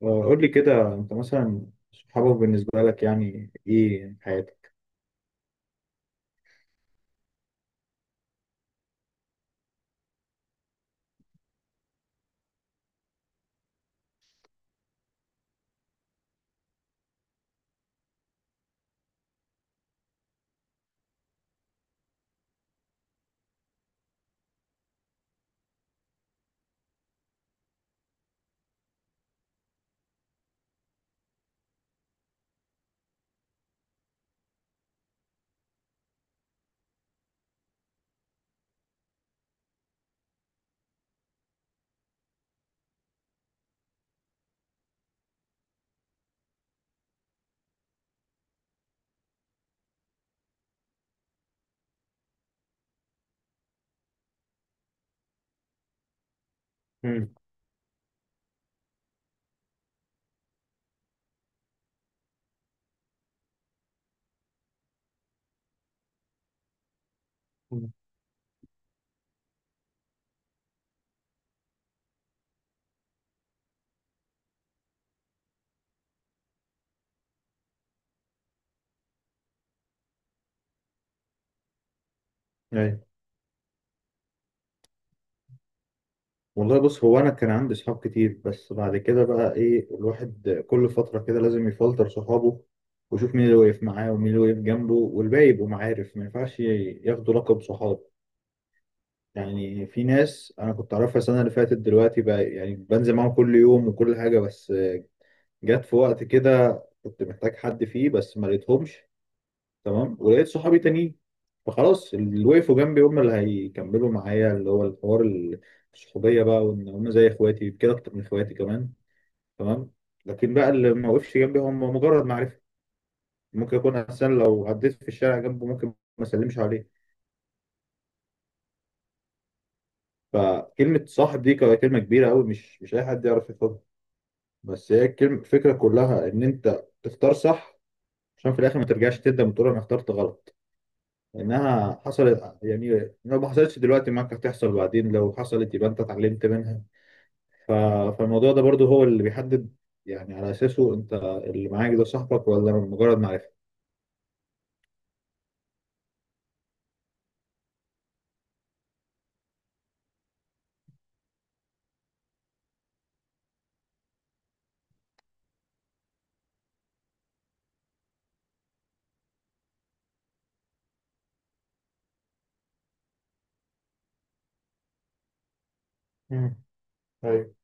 قول لي كده، انت مثلا صحابك بالنسبة لك يعني ايه في حياتك؟ مم. مم. ايوه. والله، بص هو انا كان عندي صحاب كتير، بس بعد كده بقى ايه الواحد كل فترة كده لازم يفلتر صحابه، ويشوف مين اللي واقف معاه ومين اللي واقف جنبه، والباقي يبقوا معارف ما ينفعش ياخدوا لقب صحاب. يعني في ناس انا كنت اعرفها السنة اللي فاتت، دلوقتي بقى يعني بنزل معاهم كل يوم وكل حاجة. بس جت في وقت كده كنت محتاج حد فيه، بس ما لقيتهمش. تمام. ولقيت صحابي تانيين، فخلاص اللي وقفوا جنبي هم اللي هيكملوا معايا اللي هو الحوار الصحوبية بقى، وإن هم زي إخواتي كده، أكتر من إخواتي كمان. تمام. لكن بقى اللي ما وقفش جنبي هم مجرد معرفة. ممكن يكون أحسن لو عديت في الشارع جنبه ممكن ما أسلمش عليه. فكلمة صاحب دي كلمة كبيرة أوي، مش أي حد يعرف ياخدها. بس هي الكلمة، الفكرة كلها إن أنت تختار صح، عشان في الآخر ما ترجعش تندم وتقول أنا اخترت غلط. انها حصلت يعني، لو ما حصلتش دلوقتي معاك هتحصل بعدين، لو حصلت يبقى انت اتعلمت منها. ف... فالموضوع ده برضو هو اللي بيحدد، يعني على اساسه انت اللي معاك ده صاحبك، ولا مجرد معرفة. مم. ايوه،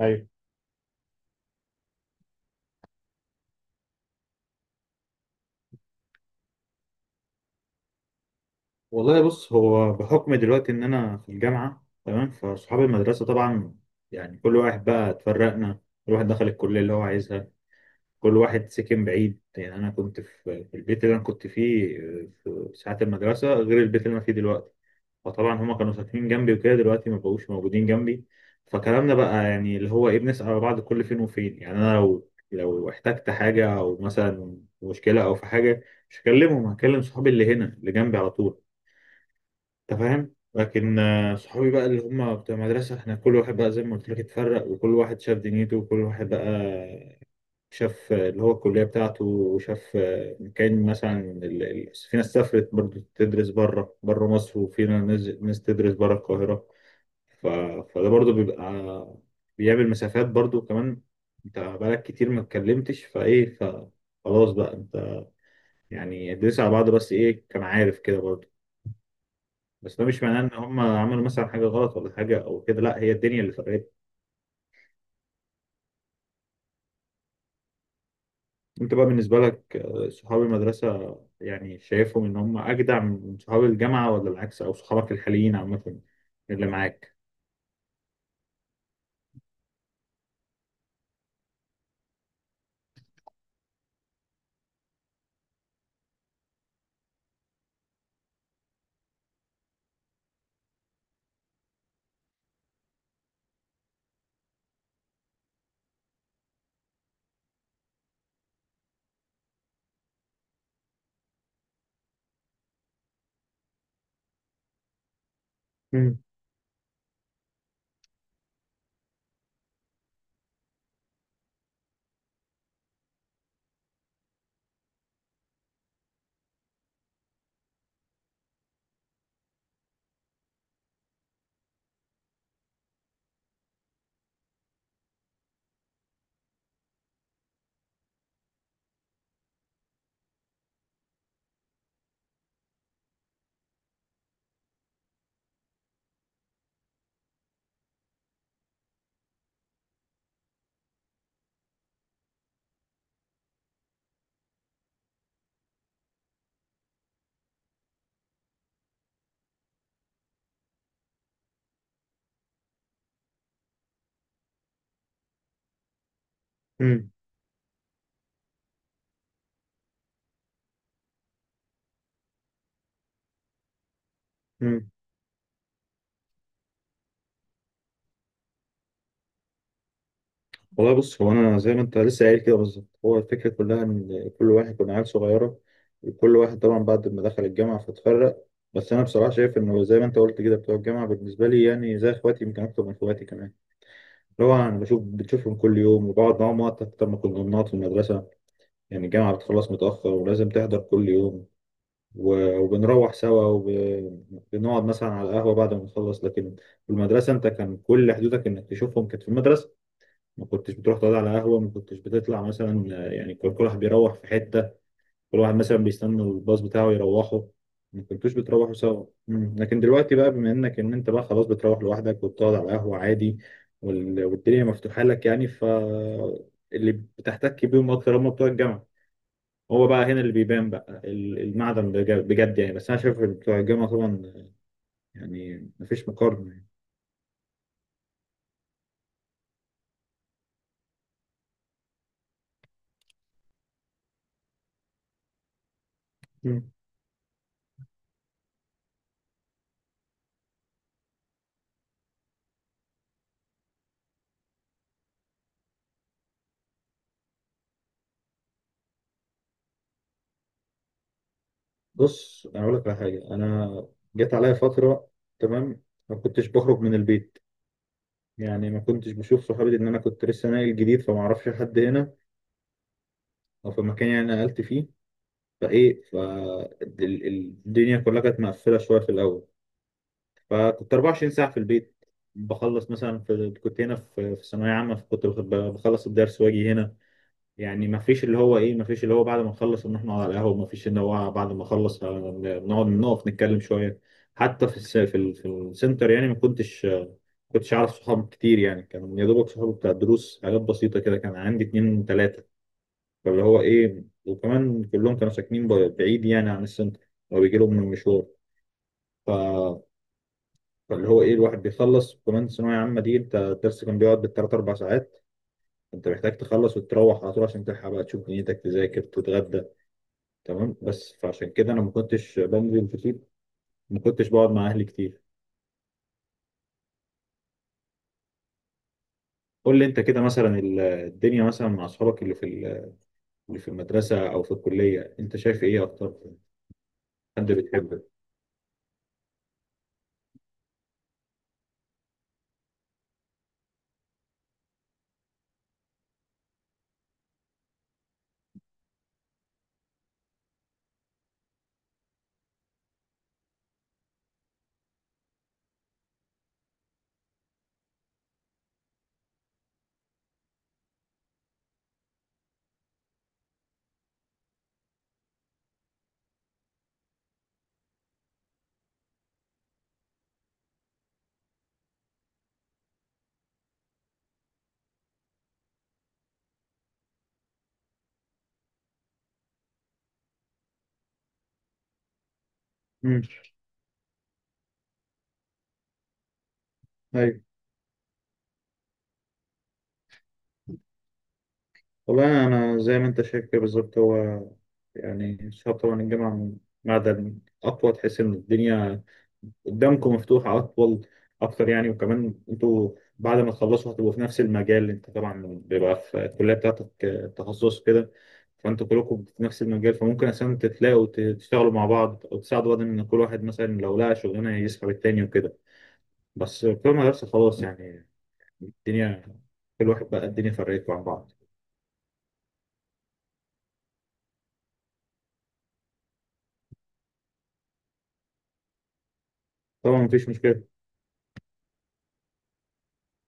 ايوه. والله، بص هو بحكم دلوقتي ان انا في الجامعة. تمام. فصحاب المدرسة طبعا يعني كل واحد بقى اتفرقنا، كل واحد دخل الكلية اللي هو عايزها، كل واحد سكن بعيد. يعني انا كنت في البيت اللي انا كنت فيه في ساعات المدرسة غير البيت اللي انا فيه دلوقتي. فطبعا هما كانوا ساكنين جنبي وكده، دلوقتي ما بقوش موجودين جنبي. فكلامنا بقى يعني اللي هو ايه بنسأل على بعض كل فين وفين. يعني انا لو احتجت حاجة او مثلا مشكلة او في حاجة، مش هكلمهم، هكلم صحابي اللي هنا اللي جنبي على طول. انت فاهم. لكن صحابي بقى اللي هم بتوع المدرسة، احنا كل واحد بقى زي ما قلت لك اتفرق، وكل واحد شاف دنيته، وكل واحد بقى شاف اللي هو الكلية بتاعته، وشاف كان مثلا في ناس سافرت برضه تدرس بره مصر، وفي ناس تدرس بره القاهرة. ف... فده برضو بيبقى بيعمل مسافات برضو كمان. انت بقالك كتير ما اتكلمتش. فايه، فخلاص بقى انت يعني ادرس على بعض، بس ايه كان عارف كده برضو. بس ده مش معناه ان هم عملوا مثلا حاجه غلط ولا حاجه او كده، لا هي الدنيا اللي فرقت. انت بقى بالنسبه لك، صحاب المدرسه يعني شايفهم ان هم اجدع من صحاب الجامعه ولا العكس، او صحابك الحاليين عامه اللي معاك؟ مم. مم. مم. والله، بص هو انا زي ما انت لسه قايل كده بالظبط، هو الفكره كلها ان كل واحد كنا عيال صغيره، وكل واحد طبعا بعد ما دخل الجامعه فاتفرق. بس انا بصراحه شايف انه زي ما انت قلت كده، بتوع الجامعه بالنسبه لي يعني زي اخواتي، يمكن اكتر من اخواتي كمان. اللي هو انا بشوف بتشوفهم كل يوم وبقعد معاهم وقت اكتر ما كنا بنقعد في المدرسه. يعني الجامعه بتخلص متاخر ولازم تحضر كل يوم، وبنروح سوا، وبنقعد مثلا على القهوه بعد ما نخلص. لكن في المدرسه انت كان كل حدودك انك تشوفهم كانت في المدرسه. ما كنتش بتروح تقعد على قهوة، ما كنتش بتطلع مثلا، يعني كل واحد بيروح في حتة، كل واحد مثلا بيستنى الباص بتاعه يروحه، ما كنتوش بتروحوا سوا. مم. لكن دلوقتي بقى، بما ان انت بقى خلاص بتروح لوحدك وبتقعد على قهوة عادي، والدنيا مفتوحة لك يعني. اللي بتحتك بيهم اكتر هم بتوع الجامعة. هو بقى هنا اللي بيبان بقى المعدن بجد يعني. بس انا شايف إن بتوع الجامعة طبعا، يعني مفيش مقارنة. يعني. بص، انا اقول لك على حاجه. انا جت عليا فتره. تمام. ما كنتش بخرج من البيت، يعني ما كنتش بشوف صحابي، لان انا كنت لسه ناقل جديد، فما اعرفش حد هنا، او في مكان يعني أنا نقلت فيه. فايه، فالدنيا كلها كانت مقفله شويه في الاول. فكنت 24 ساعه في البيت. بخلص مثلا، في كنت هنا في ثانويه عامه، فكنت بخلص الدرس واجي هنا. يعني ما فيش اللي هو ايه، ما فيش اللي هو بعد ما نخلص نروح نقعد على القهوه، ما فيش اللي هو بعد ما اخلص نقعد نقف نتكلم شويه. حتى في في السنتر، يعني ما كنتش اعرف صحاب كتير. يعني كان يا دوبك صحابي بتاع الدروس، حاجات بسيطه كده، كان عندي اتنين تلاته. فاللي هو ايه، وكمان كلهم كانوا ساكنين بعيد يعني عن السنتر، وبيجي لهم من المشوار. ف... فاللي هو ايه الواحد بيخلص، وكمان ثانويه عامه دي انت الدرس كان بيقعد بالثلاث اربع ساعات. انت محتاج تخلص وتروح على طول عشان تلحق بقى تشوف دنيتك، تذاكر، تتغدى. تمام. بس فعشان كده انا ما كنتش بنزل كتير، ما كنتش بقعد مع اهلي كتير. قول لي انت كده مثلا، الدنيا مثلا مع اصحابك اللي في اللي في المدرسه او في الكليه، انت شايف ايه اكتر؟ حد بتحبه؟ امم والله، أنا زي ما أنت شايف كده بالظبط، هو يعني شاطر طبعا الجامعة، معدن أقوى، تحس إن الدنيا قدامكم مفتوحة أطول أكتر يعني، وكمان أنتوا بعد ما تخلصوا هتبقوا في نفس المجال. أنت طبعا بيبقى في الكلية بتاعتك تخصص كده. فأنتوا كلكم في نفس المجال، فممكن أساسا تتلاقوا تشتغلوا مع بعض أو تساعدوا بعض، إن كل واحد مثلا لو لقى شغلانة يسحب التاني وكده. بس في المدرسة خلاص يعني، الدنيا، كل واحد بقى الدنيا فرقته عن بعض. طبعا مفيش مشكلة.